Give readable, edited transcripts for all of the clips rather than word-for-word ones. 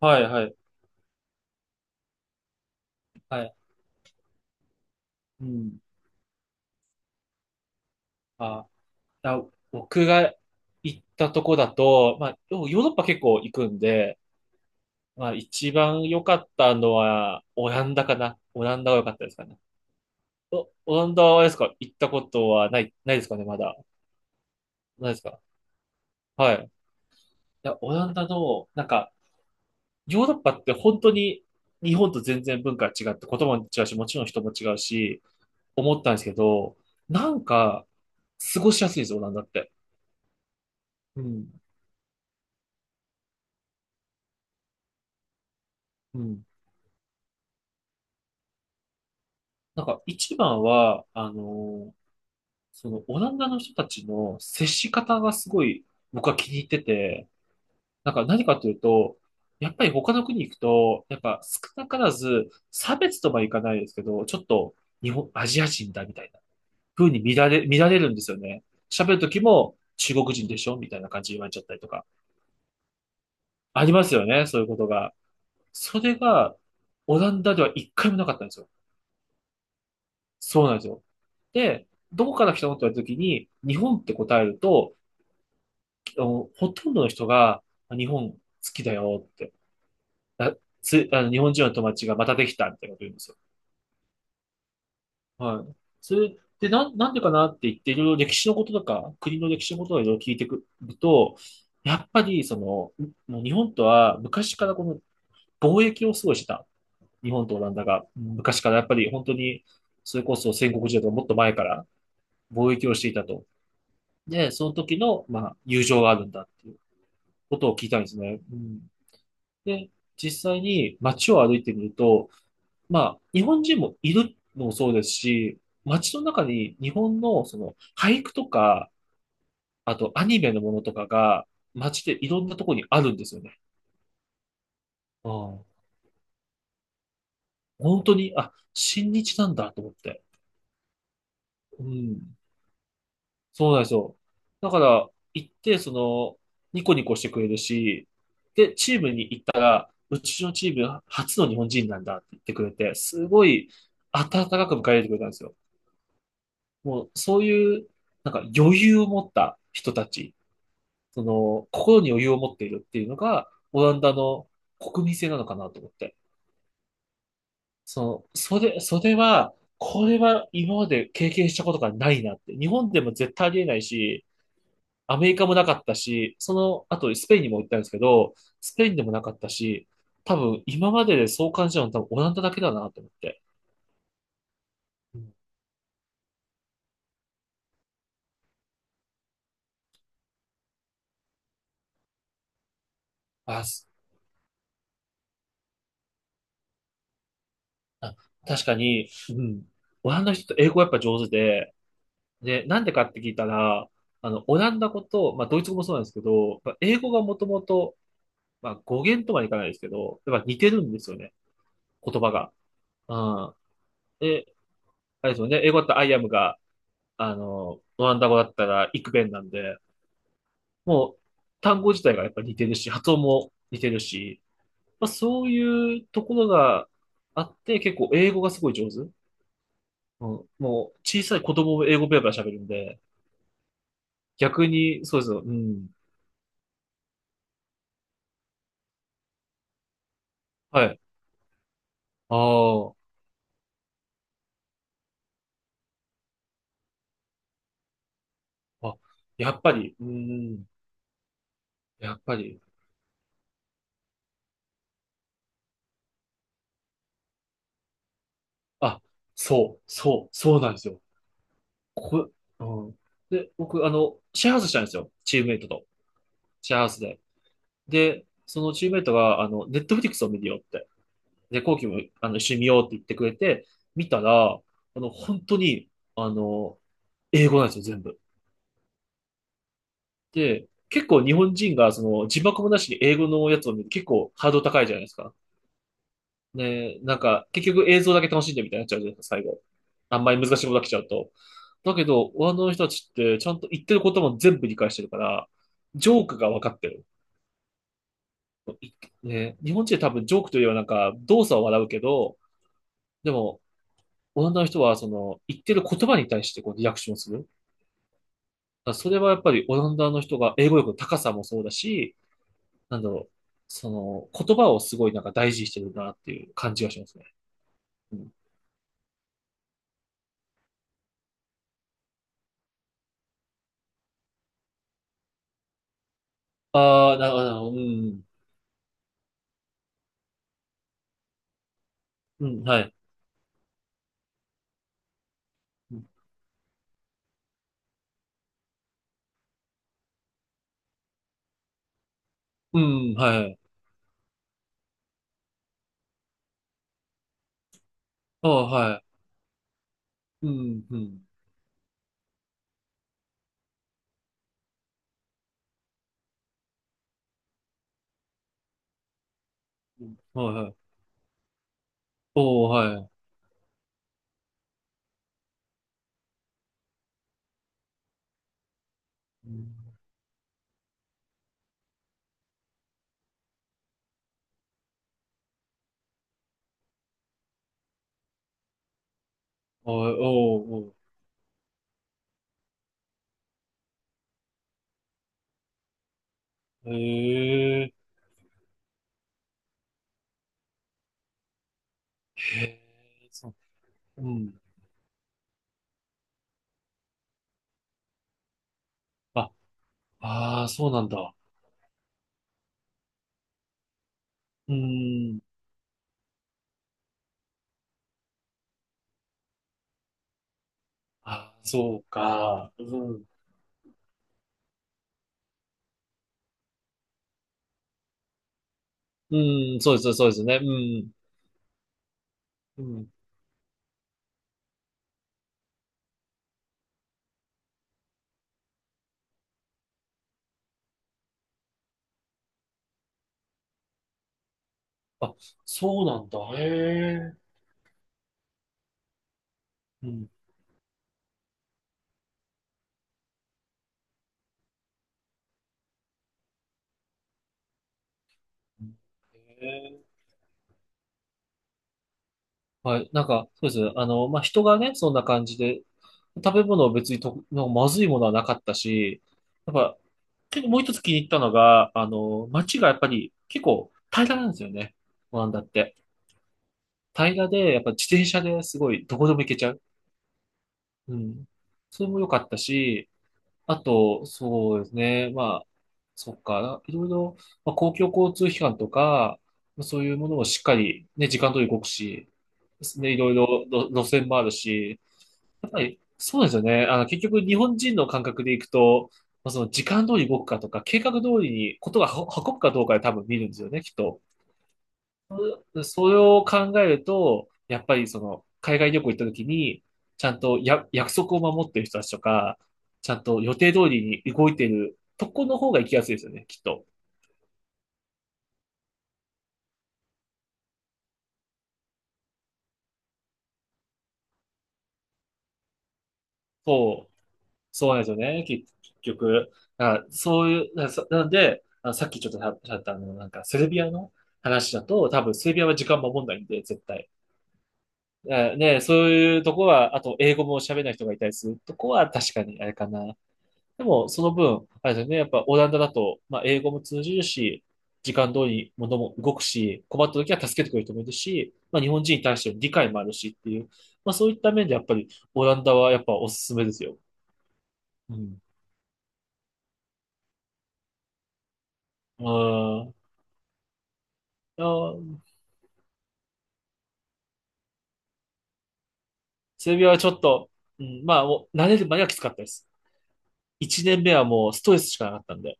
はい、はい、はい。うん。あ、だ僕が行ったとこだと、まあ、ヨーロッパ結構行くんで、まあ、一番良かったのは、オランダかな。オランダが良かったですかね。オランダはあれですか？行ったことはないですかね、まだ。ないですか？はい。いや、オランダの、なんか、ヨーロッパって本当に日本と全然文化が違って、言葉も違うし、もちろん人も違うし、思ったんですけど、なんか、過ごしやすいです、オランダって。うん。うん。なんか一番は、あの、そのオランダの人たちの接し方がすごい僕は気に入ってて、なんか何かというと、やっぱり他の国行くと、やっぱ少なからず差別とはいかないですけど、ちょっと日本、アジア人だみたいな風に見られるんですよね。喋る時も中国人でしょみたいな感じで言われちゃったりとか。ありますよね、そういうことが。それがオランダでは一回もなかったんですよ。そうなんですよ。で、どこから来たのって言われた時に、日本って答えると、あのほとんどの人が、あ日本好きだよって、ああの、日本人の友達がまたできたみたいなこと言うんですよ。はい。それで、なんでかなって言って、いろいろ歴史のこととか、国の歴史のことをいろいろ聞いてくると、やっぱり、その、もう日本とは昔からこの貿易をすごいしてた。日本とオランダが。昔からやっぱり本当に、それこそ戦国時代とかもっと前から貿易をしていたと。で、その時の、まあ、友情があるんだっていうことを聞いたんですね。うん、で、実際に街を歩いてみると、まあ、日本人もいるのもそうですし、街の中に日本のその俳句とか、あとアニメのものとかが街でいろんなところにあるんですよね。うん、本当に、あ、親日なんだと思って。うん、そうなんですよ。だから、行って、その、ニコニコしてくれるし、で、チームにうちのチーム初の日本人なんだって言ってくれて、すごい温かく迎え入れてくれたんですよ。もうそういう、なんか余裕を持った人たち、その心に余裕を持っているっていうのが、オランダの国民性なのかなと思って。その、それ、それは、これは今まで経験したことがないなって。日本でも絶対ありえないし、アメリカもなかったし、その後スペインにも行ったんですけど、スペインでもなかったし、多分今まででそう感じたのは多分オランダだけだなと思って。うんあ、すあ確かに、うん。オランダの人って英語やっぱ上手で、で、なんでかって聞いたら、あの、オランダ語と、まあ、ドイツ語もそうなんですけど、まあ英語がもともと、まあ、語源とはいかないですけど、やっぱ似てるんですよね、言葉が。うん。で、あれですよね、英語だったらアイアムが、あの、オランダ語だったらイクベンなんで、もう、単語自体がやっぱ似てるし、発音も似てるし、まあ、そういうところがあって、結構英語がすごい上手。うん、もう、小さい子供も英語ペラペラ喋るんで、逆に、そうですよ。うん。はい。ああ。あ、やっぱり、うん。やっぱり。あ、そう、そう、そうなんですよ。こ、うん。で、僕、あの、シェアハウスしたんですよ。チームメイトと。シェアハウスで。で、そのチームメイトが、あの、ネットフリックスを見るよって。で、後期も、あの、一緒に見ようって言ってくれて、見たら、あの、本当に、あの、英語なんですよ、全部。で、結構日本人がその字幕もなしに英語のやつを見ると結構ハードル高いじゃないですか。ね、なんか結局映像だけ楽しんでみたいになっちゃうじゃないですか、最後。あんまり難しいことが来ちゃうと。だけど、あの人たちってちゃんと言ってることも全部理解してるから、ジョークが分かってる。ね、日本人は多分ジョークというよりはなんか動作を笑うけど、でも、オランダの人はその言ってる言葉に対してこうリアクションする。だからそれはやっぱりオランダの人が英語力の高さもそうだし、なんだろう、その、言葉をすごいなんか大事にしてるなっていう感じがしますね。うん、ああ、なるほど、うん、うん、はい。うん、はい。ああ、はい。うん、うん、はい、はい。おお、はい。うんはい、おう、おう。へえ、へえ、そう、うん。あ、ああはいうんうんはいはいおおはいうんはいおうおへえへえそううんあああそうなんだ。うん。あ、そうか。うん。うん、そうです、そうですね。うん。うん。あ、そうなんだ。へえ。うん。へえ。はい。なんか、そうです。あの、まあ、人がね、そんな感じで、食べ物は別にと、なんかまずいものはなかったし、やっぱ、結構もう一つ気に入ったのが、あの、街がやっぱり結構平らなんですよね。オランダって。平らで、やっぱ自転車でねすごいどこでも行けちゃう。うん。それも良かったし、あと、そうですね。まあ、そっか、いろいろ、まあ、公共交通機関とか、そういうものをしっかりね、時間通り動くし、ね、いろいろ路線もあるし、はい、そうですよね。あの、結局日本人の感覚でいくと、まあ、その時間通り動くかとか、計画通りにことがは運ぶかどうかで多分見るんですよね、きっと。でそれを考えると、やっぱりその海外旅行行った時に、ちゃんと約束を守ってる人たちとか、ちゃんと予定通りに動いてるとこの方が行きやすいですよね、きっと。そうそうなんですよね、結局。あ、そういう、なので、あ、さっきちょっとしゃったなんか、セルビアの話だと、多分、セルビアは時間守んないんで、絶対。ね、そういうとこは、あと、英語も喋れない人がいたりするとこは、確かにあれかな。でも、その分、あれですよね、やっぱ、オランダだと、まあ、英語も通じるし、時間通りに物も動くし、困った時は助けてくれる人もいるし、まあ、日本人に対しての理解もあるしっていう、まあ、そういった面で、やっぱり、オランダはやっぱおすすめですよ。うん。うんあーセルビアはちょっと、うん、まあ、もう慣れるまではきつかったです。一年目はもうストレスしかなかったんで。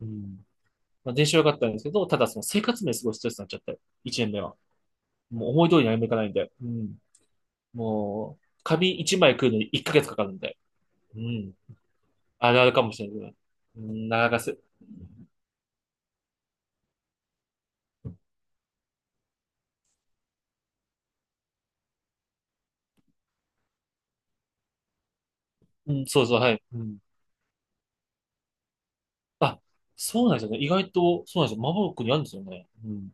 うん。まあ、練習は良かったんですけど、ただその生活面すごいストレスになっちゃって、一年目は。もう思い通りに歩めかないんで。うん。もう、紙一枚食うのに一ヶ月かかるんで。うん。あるあるかもしれないけど。うん、なかなかせ、うん、そうそう、はい。うん。あ、そうなんですよね。意外と、そうなんですよ。マボロックにあるんですよね。うん。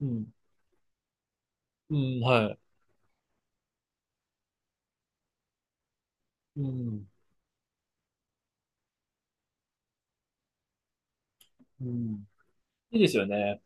うん。うん、はい。うん。うん。いいですよね。